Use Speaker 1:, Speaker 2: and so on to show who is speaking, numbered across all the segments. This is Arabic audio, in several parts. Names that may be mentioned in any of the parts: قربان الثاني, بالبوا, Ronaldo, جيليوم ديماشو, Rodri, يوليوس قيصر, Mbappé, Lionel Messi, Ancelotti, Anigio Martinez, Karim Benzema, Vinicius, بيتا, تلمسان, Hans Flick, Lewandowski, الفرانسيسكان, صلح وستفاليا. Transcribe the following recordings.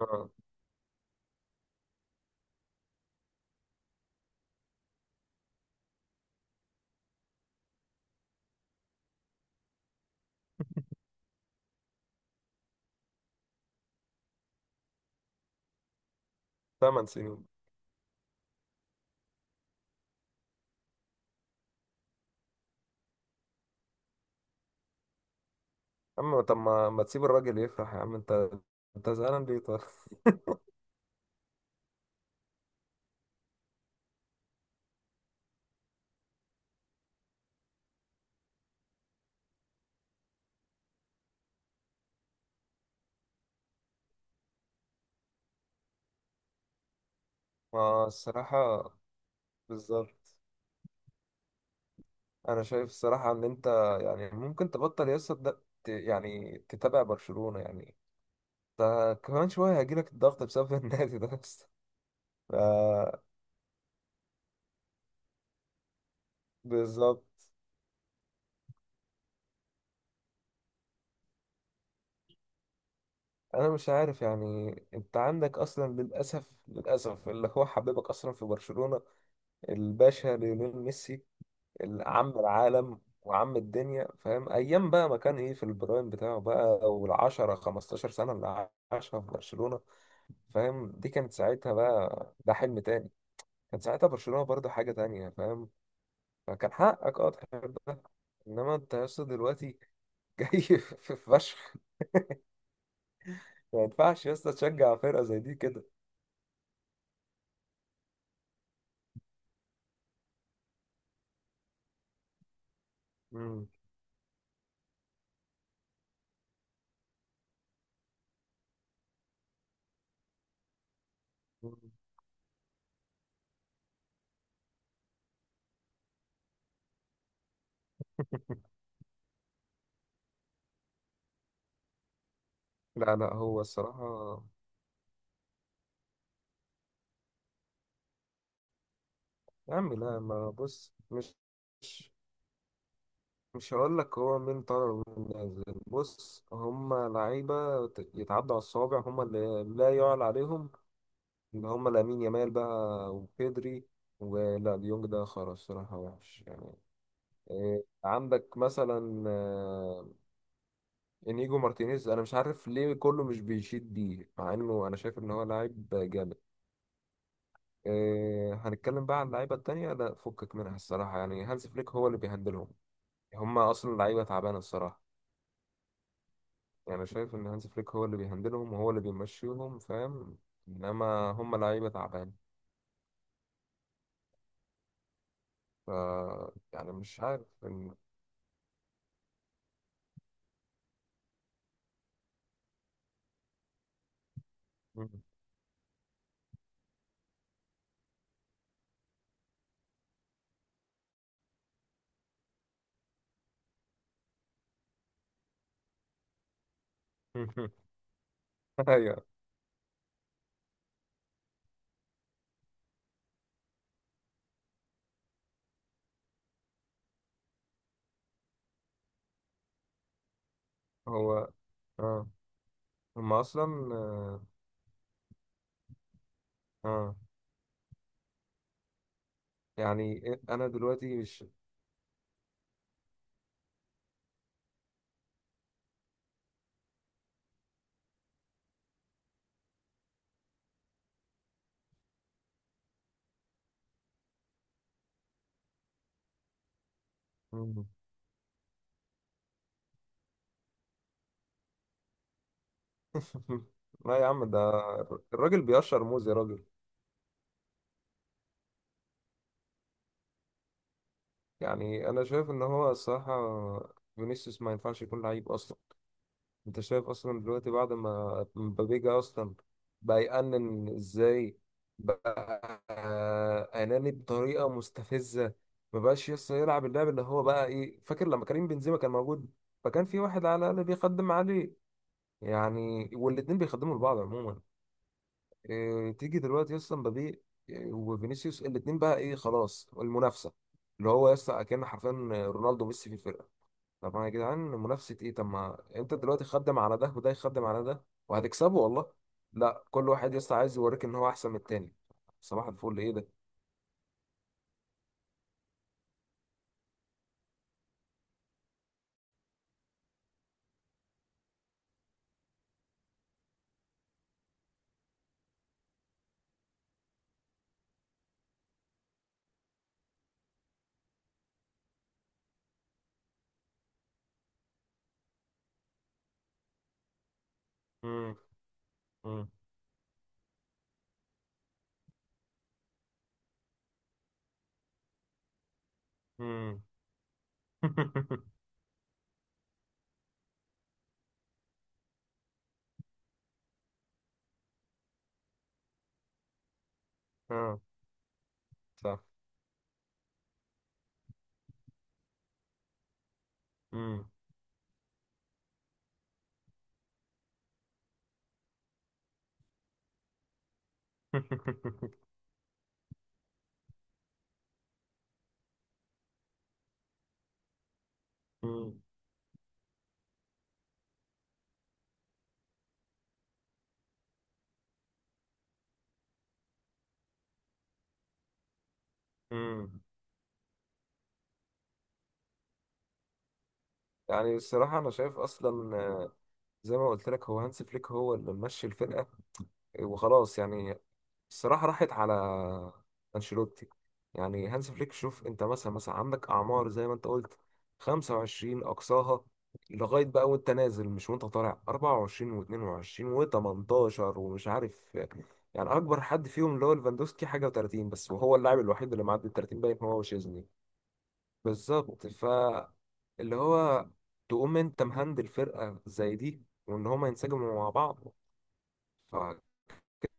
Speaker 1: اه، ثمان سنين. اما طب ما تسيب الراجل يفرح يا عم انت، انت زعلان ليه طيب؟ ما الصراحة بالظبط، أنا شايف الصراحة إن أنت يعني ممكن تبطل يا اسطى، يعني تتابع برشلونة يعني. ده كمان شوية هيجيلك الضغط بسبب النادي ده بس. ف بالظبط. أنا مش عارف يعني، أنت عندك أصلا للأسف للأسف اللي هو حبيبك أصلا في برشلونة، الباشا ليونيل ميسي، عم العالم وعم الدنيا فاهم. ايام بقى ما كان ايه في البرايم بتاعه بقى، والعشرة 15 سنة اللي عاشها في برشلونة فاهم، دي كانت ساعتها بقى ده حلم تاني. كان ساعتها برشلونة برضه حاجة تانية فاهم، فكان حقك اه تحب ده. انما انت يا اسطى دلوقتي جاي في فشخ. ما ينفعش يا اسطى تشجع فرقة زي دي كده. مم. لا لا، هو الصراحة يا عم، لا ما بص، مش مش هقول لك هو مين طالع ومين نازل. بص، هما لعيبة يتعدوا على الصوابع، هما اللي لا يعلى عليهم، اللي هما لامين يامال بقى وبيدري ولا ديونج، ده خلاص الصراحة وحش يعني. إيه، عندك مثلا آه، انيجو مارتينيز، انا مش عارف ليه كله مش بيشيد بيه، مع انه انا شايف ان هو لاعب جامد. إيه، هنتكلم بقى عن اللعيبة التانية، لا فكك منها الصراحة يعني. هانز فليك هو اللي بيهندلهم، هما اصلا لعيبة تعبانة الصراحة. يعني أنا شايف إن هانز فليك هو اللي بيهندلهم وهو اللي بيمشيهم فاهم، إنما هم لعيبة تعبان. ف يعني مش عارف إن... أيوه. هو آه، هم أصلا آه، آه. يعني أنا دلوقتي مش... لا يا عم ده الراجل بيقشر موز يا راجل. يعني أنا شايف إن هو الصراحة فينيسيوس ما ينفعش يكون لعيب أصلا. انت شايف اصلا دلوقتي بعد ما مبابي جه اصلا، بقى يأنن ازاي؟ بقى اناني بطريقه مستفزه، ما بقاش يسطا يلعب اللعب اللي هو بقى ايه. فاكر لما كريم بنزيما كان موجود، فكان في واحد على الاقل بيخدم عليه، يعني والاتنين بيخدموا لبعض عموما. إيه، تيجي دلوقتي اصلا مبابي آه، وفينيسيوس، الاتنين بقى ايه، خلاص المنافسه. اللي هو يسطا كان حرفيا رونالدو وميسي في الفرقه. طب ما يا جدعان منافسة ايه، طب ما انت دلوقتي خدم على ده وده يخدم على ده وهتكسبه والله. لا، كل واحد يسطا عايز يوريك ان هو احسن من التاني. صباح الفل، ايه ده؟ مم. مم. مم. اه، صح. مم. مم. مم. يعني الصراحة أنا شايف أصلا آه، زي ما قلت لك، هو هانسي فليك هو اللي ممشي الفرقة وخلاص يعني. الصراحة راحت على أنشيلوتي. يعني هانز فليك، شوف أنت مثلا مثلا عندك أعمار زي ما أنت قلت، 25 أقصاها لغاية بقى وأنت نازل، مش وأنت طالع، 24 و22 و18 ومش عارف. يعني أكبر حد فيهم اللي هو ليفاندوسكي حاجة و30 بس، وهو اللاعب الوحيد اللي معدي ال 30 باين، هو وشيزني. بالظبط. اللي هو تقوم أنت مهندل فرقة زي دي، وإن هما ينسجموا مع بعض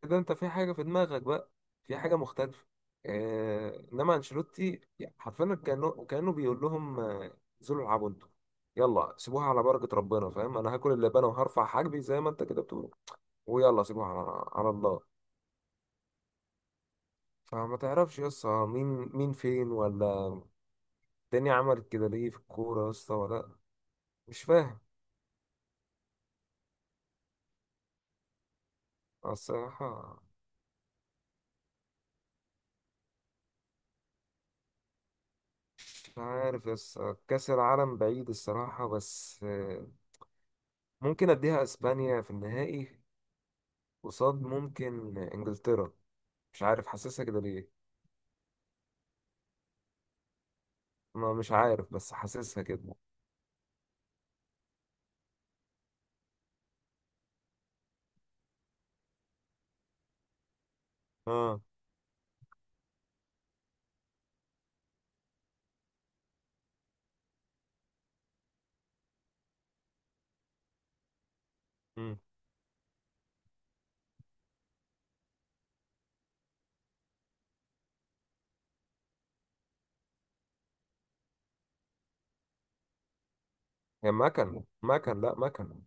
Speaker 1: كده، انت في حاجه في دماغك بقى، في حاجه مختلفه. آه، انما انشيلوتي يعني حرفيا كانه بيقول لهم آه، انزلوا العبوا انتوا، يلا سيبوها على بركه ربنا فاهم. انا هاكل اللبانه وهرفع حاجبي زي ما انت كده بتقول، ويلا سيبوها على الله. فما تعرفش يا اسطى، مين فين ولا الدنيا عملت كده ليه في الكوره يا اسطى ولا؟ مش فاهم. الصراحة مش عارف كأس العالم بعيد الصراحة، بس آه، ممكن أديها أسبانيا في النهائي، قصاد ممكن انجلترا. مش عارف حاسسها كده ليه. ما مش عارف بس حاسسها كده. اه، امم، هي مكن لا مكن.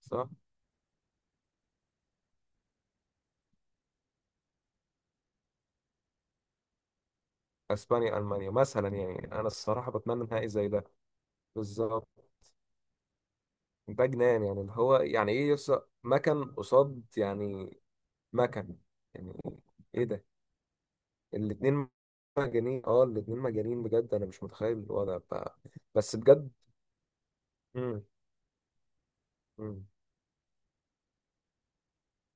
Speaker 1: صح. اسبانيا المانيا مثلا، يعني انا الصراحه بتمنى نهائي زي ده. بالظبط، ده جنان يعني اللي هو يعني ايه، مكن قصاد يعني، مكن، يعني ايه ده. الاتنين مجانين، اه الاتنين مجانين بجد، انا مش متخيل الوضع بتاع. بس بجد، امم، امم،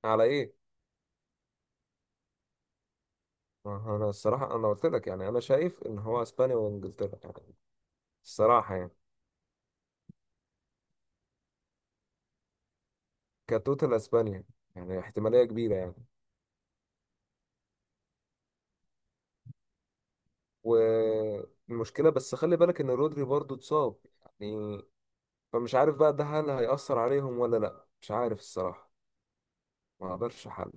Speaker 1: على ايه؟ ما هو انا الصراحه انا قلت لك، يعني انا شايف ان هو اسبانيا وانجلترا يعني، الصراحه يعني كتوتال اسبانيا. يعني احتماليه كبيره يعني. والمشكله بس خلي بالك ان رودري برضو اتصاب يعني، فمش عارف بقى ده هل هيأثر عليهم ولا لا، مش عارف الصراحه، ما اقدرش احل.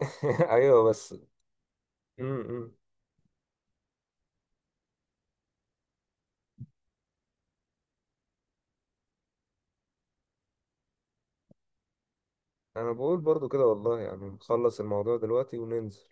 Speaker 1: ايوه بس. م -م. انا بقول برضو كده والله، يعني نخلص الموضوع دلوقتي وننزل.